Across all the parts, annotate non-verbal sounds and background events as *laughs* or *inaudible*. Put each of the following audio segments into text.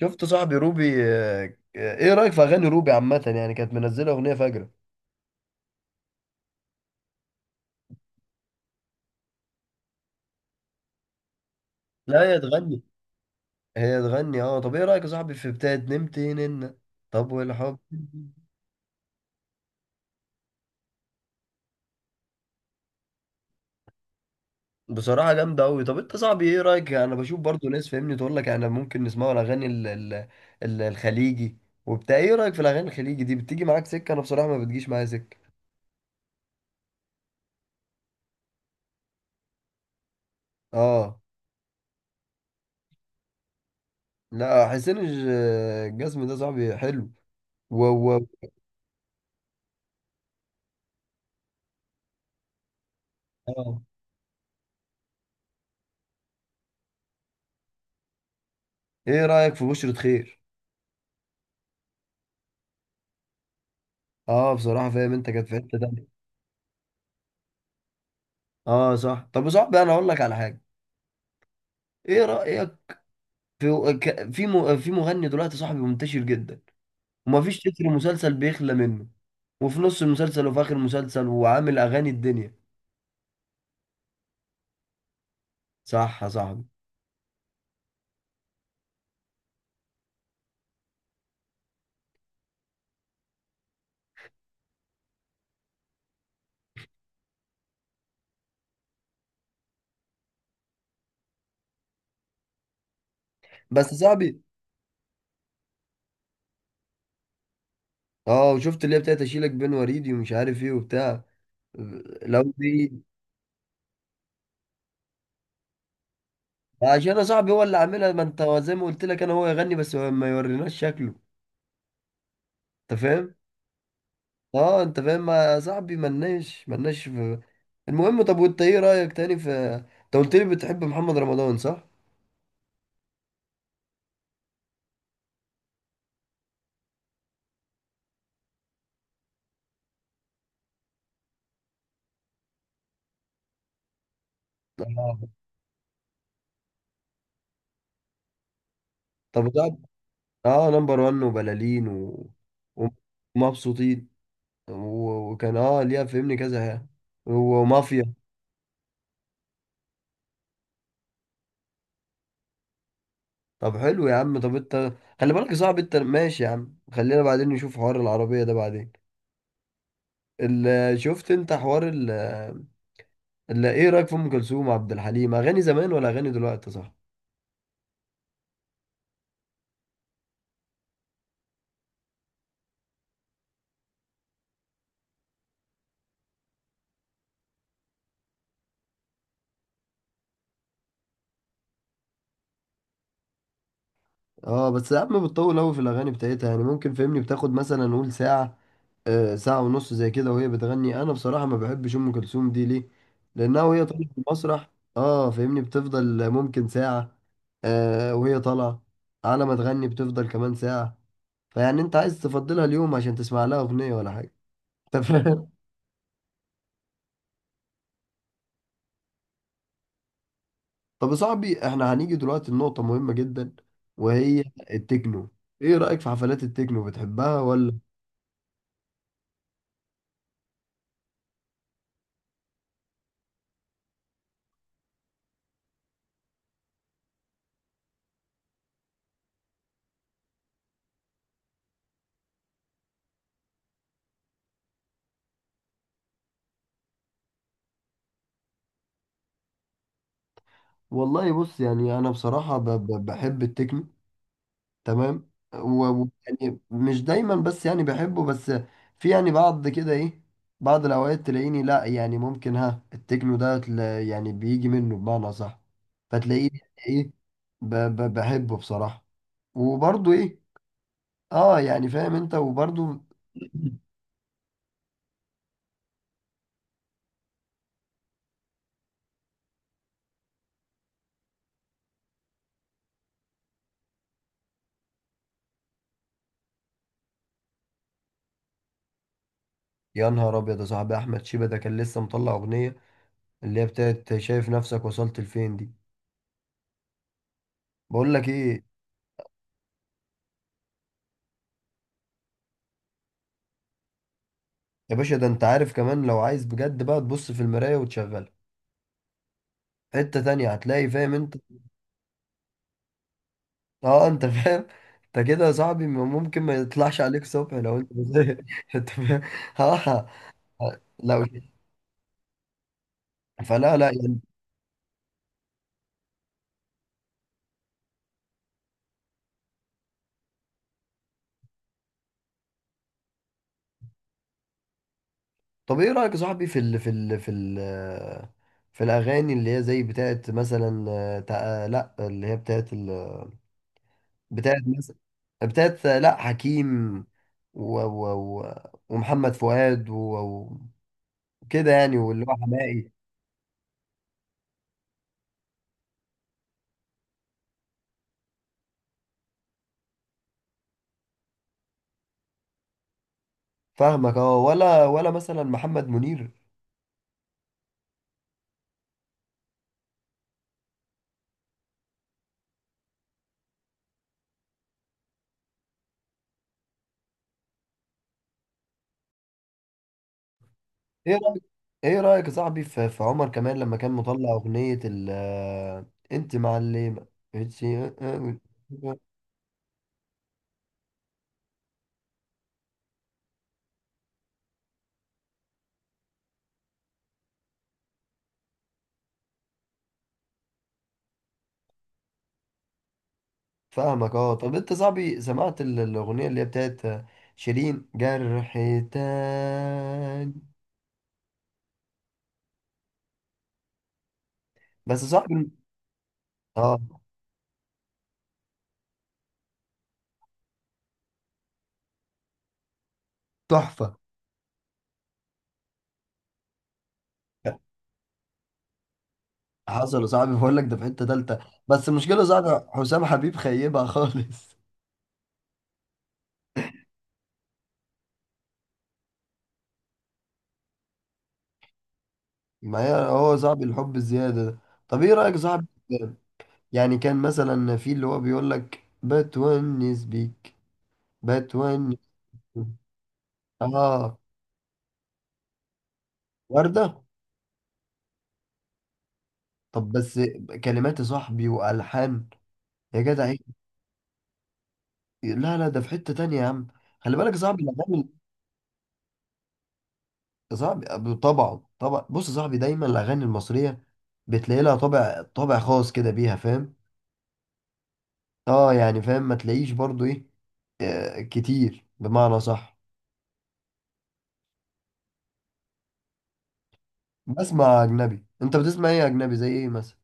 شفت صاحبي روبي، ايه رأيك في اغاني روبي عامة؟ يعني كانت منزلة اغنية فجرة. لا، هي تغني، هي تغني اه طب ايه رأيك يا صاحبي في بتاعت نمت ننا؟ طب والحب؟ بصراحة جامدة أوي. طب أنت صاحبي، إيه رأيك؟ أنا بشوف برضو ناس فاهمني تقول لك أنا ممكن نسمعه الأغاني الخليجي وبتاع. إيه رأيك في الأغاني الخليجي دي؟ بتيجي معاك سكة؟ أنا بصراحة ما بتجيش معايا سكة. آه. لا، حسين الجسمي ده صاحبي حلو. و آه إيه رأيك في بشرة خير؟ اه بصراحة فاهم انت، كانت في حتة تانية. اه صح. طب يا صاحبي انا اقول لك على حاجة، ايه رأيك في مغني دلوقتي صاحبي منتشر جدا، ومفيش تتر مسلسل بيخلى منه، وفي نص المسلسل وفي اخر المسلسل، وعامل اغاني الدنيا. صح يا صاحبي. بس يا صاحبي، اه، شفت اللي هي بتاعت اشيلك بين وريدي ومش عارف ايه وبتاع؟ لو دي. عشان يا صاحبي هو اللي عاملها، ما انت زي ما قلت لك، انا هو يغني بس ما يوريناش شكله، انت فاهم. اه انت فاهم، ما صاحبي ملناش في. المهم، طب وانت ايه رأيك تاني في، انت قلت لي بتحب محمد رمضان صح؟ اه. طب وتعب- اه نمبر 1 وبلالين و... ومبسوطين و... وكان اه ليها فهمني كذا حاجة، ومافيا. طب حلو يا عم. طب انت خلي بالك يا صاحبي، انت ماشي يا عم، خلينا بعدين نشوف حوار العربية ده بعدين. شفت انت حوار ايه رأيك في ام كلثوم وعبد الحليم؟ اغاني زمان ولا اغاني دلوقتي صح؟ اه، بس ساعات ما بتطول قوي في الاغاني بتاعتها، يعني ممكن فهمني بتاخد مثلا نقول ساعه، آه ساعه ونص زي كده وهي بتغني. انا بصراحه ما بحبش ام كلثوم دي ليه؟ لانها وهي طالعه في المسرح، اه فهمني، بتفضل ممكن ساعه، آه، وهي طالعه على ما تغني بتفضل كمان ساعه. فيعني انت عايز تفضلها اليوم عشان تسمع لها اغنيه ولا حاجه؟ انت فاهم. *laughs* طب يا صاحبي، احنا هنيجي دلوقتي لنقطه مهمه جدا، وهي التكنو. ايه رايك في حفلات التكنو، بتحبها ولا؟ والله بص، يعني انا بصراحه بحب التكنو، تمام. يعني مش دايما، بس يعني بحبه. بس في يعني بعض كده، ايه، بعض الاوقات تلاقيني لا، يعني ممكن ها، التكنو ده يعني بيجي منه بمعنى صح، فتلاقيني ايه، بحبه بصراحه. وبرضه ايه، اه يعني فاهم انت، وبرضه. يا نهار ابيض يا صاحبي! احمد شيبه ده كان لسه مطلع اغنيه، اللي هي بتاعت شايف نفسك وصلت لفين دي. بقول لك ايه، يا باشا ده انت عارف كمان لو عايز بجد بقى تبص في المراية وتشغلها، حتة تانية هتلاقي، فاهم انت. اه انت *laughs* فاهم، انت كده يا صاحبي ممكن ما يطلعش عليك صبح لو انت *laughs* انت فاهم. اه لو *laughs* فلا لا يعني. طب ايه رأيك يا صاحبي في ال في ال في ال في الاغاني اللي هي زي بتاعت مثلا، لا، اللي هي بتاعت ال بتاعت مثلا بتاعت آه، لا، حكيم و و و ومحمد فؤاد وكده يعني، واللي هو حماقي. فاهمك اه. ولا مثلا محمد منير. ايه رايك، ايه رايك يا صاحبي في, في عمر كمان لما كان مطلع اغنيه ال انت معلمه، إنتي- آه، آه. فاهمك اه. طب انت صاحبي سمعت الاغنيه اللي هي بتاعت شيرين جرح تاني؟ بس صاحبي، اه، تحفه. حصل يا صاحبي، بقول لك ده في حته تالته، بس المشكله يا صاحبي حسام حبيب خيبها خالص. *laughs* ما هي هو صاحبي، الحب الزياده ده. طب ايه رايك يا صاحبي يعني، كان مثلا في اللي هو بيقول لك بتونس بيك، بتونس بيك. اه وردة. طب بس، كلمات يا صاحبي والحان، يا جدع إيه؟ لا لا ده في حتة تانية يا عم، خلي بالك يا صاحبي الاغاني. يا صاحبي طبعا طبعا، بص يا صاحبي، دايما الاغاني المصرية بتلاقي لها طابع، طابع خاص كده بيها، فاهم. اه يعني فاهم، ما تلاقيش برضو ايه، كتير بمعنى صح. بسمع اجنبي، انت بتسمع ايه اجنبي زي ايه مثلا؟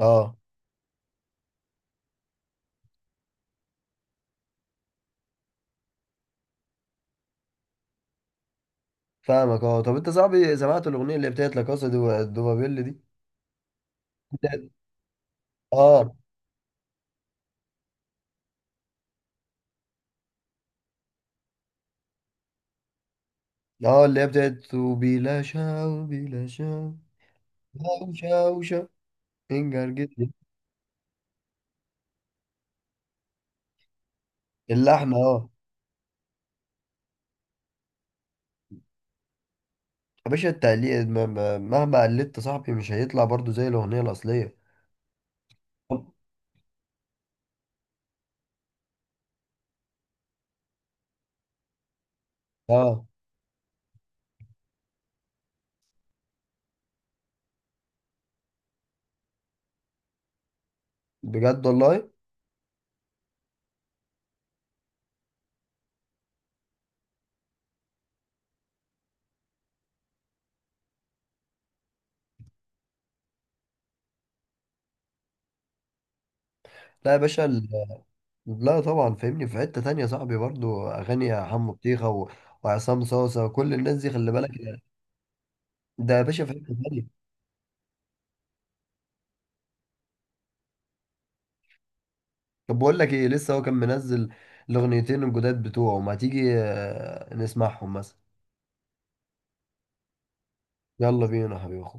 اه. فاهمك اه. طب انت صاحبي سمعت الاغنيه اللي بتاعت لا كاسا دو دوبابيل دي؟ *laughs* بتاعت- اه، اه اللي هي بتاعت بلا شاو، بلا شاو، شاو، شاو، شاو، انجر جدا. اللحن، اه. يا باشا التقليد مهما قلدت صاحبي مش هيطلع برضو زي الاغنيه الاصليه. *laughs* اه بجد والله. لا يا باشا لا طبعا فاهمني في حته تانية صاحبي. برضو اغاني حمو بطيخه و... وعصام صاصه وكل الناس دي خلي بالك، ده يا باشا في حته تانية. طب بقول لك ايه، لسه هو كان منزل الاغنيتين الجداد بتوعه، ما تيجي نسمعهم مثلا. يلا بينا يا حبيبي، اخو،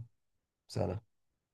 سلام.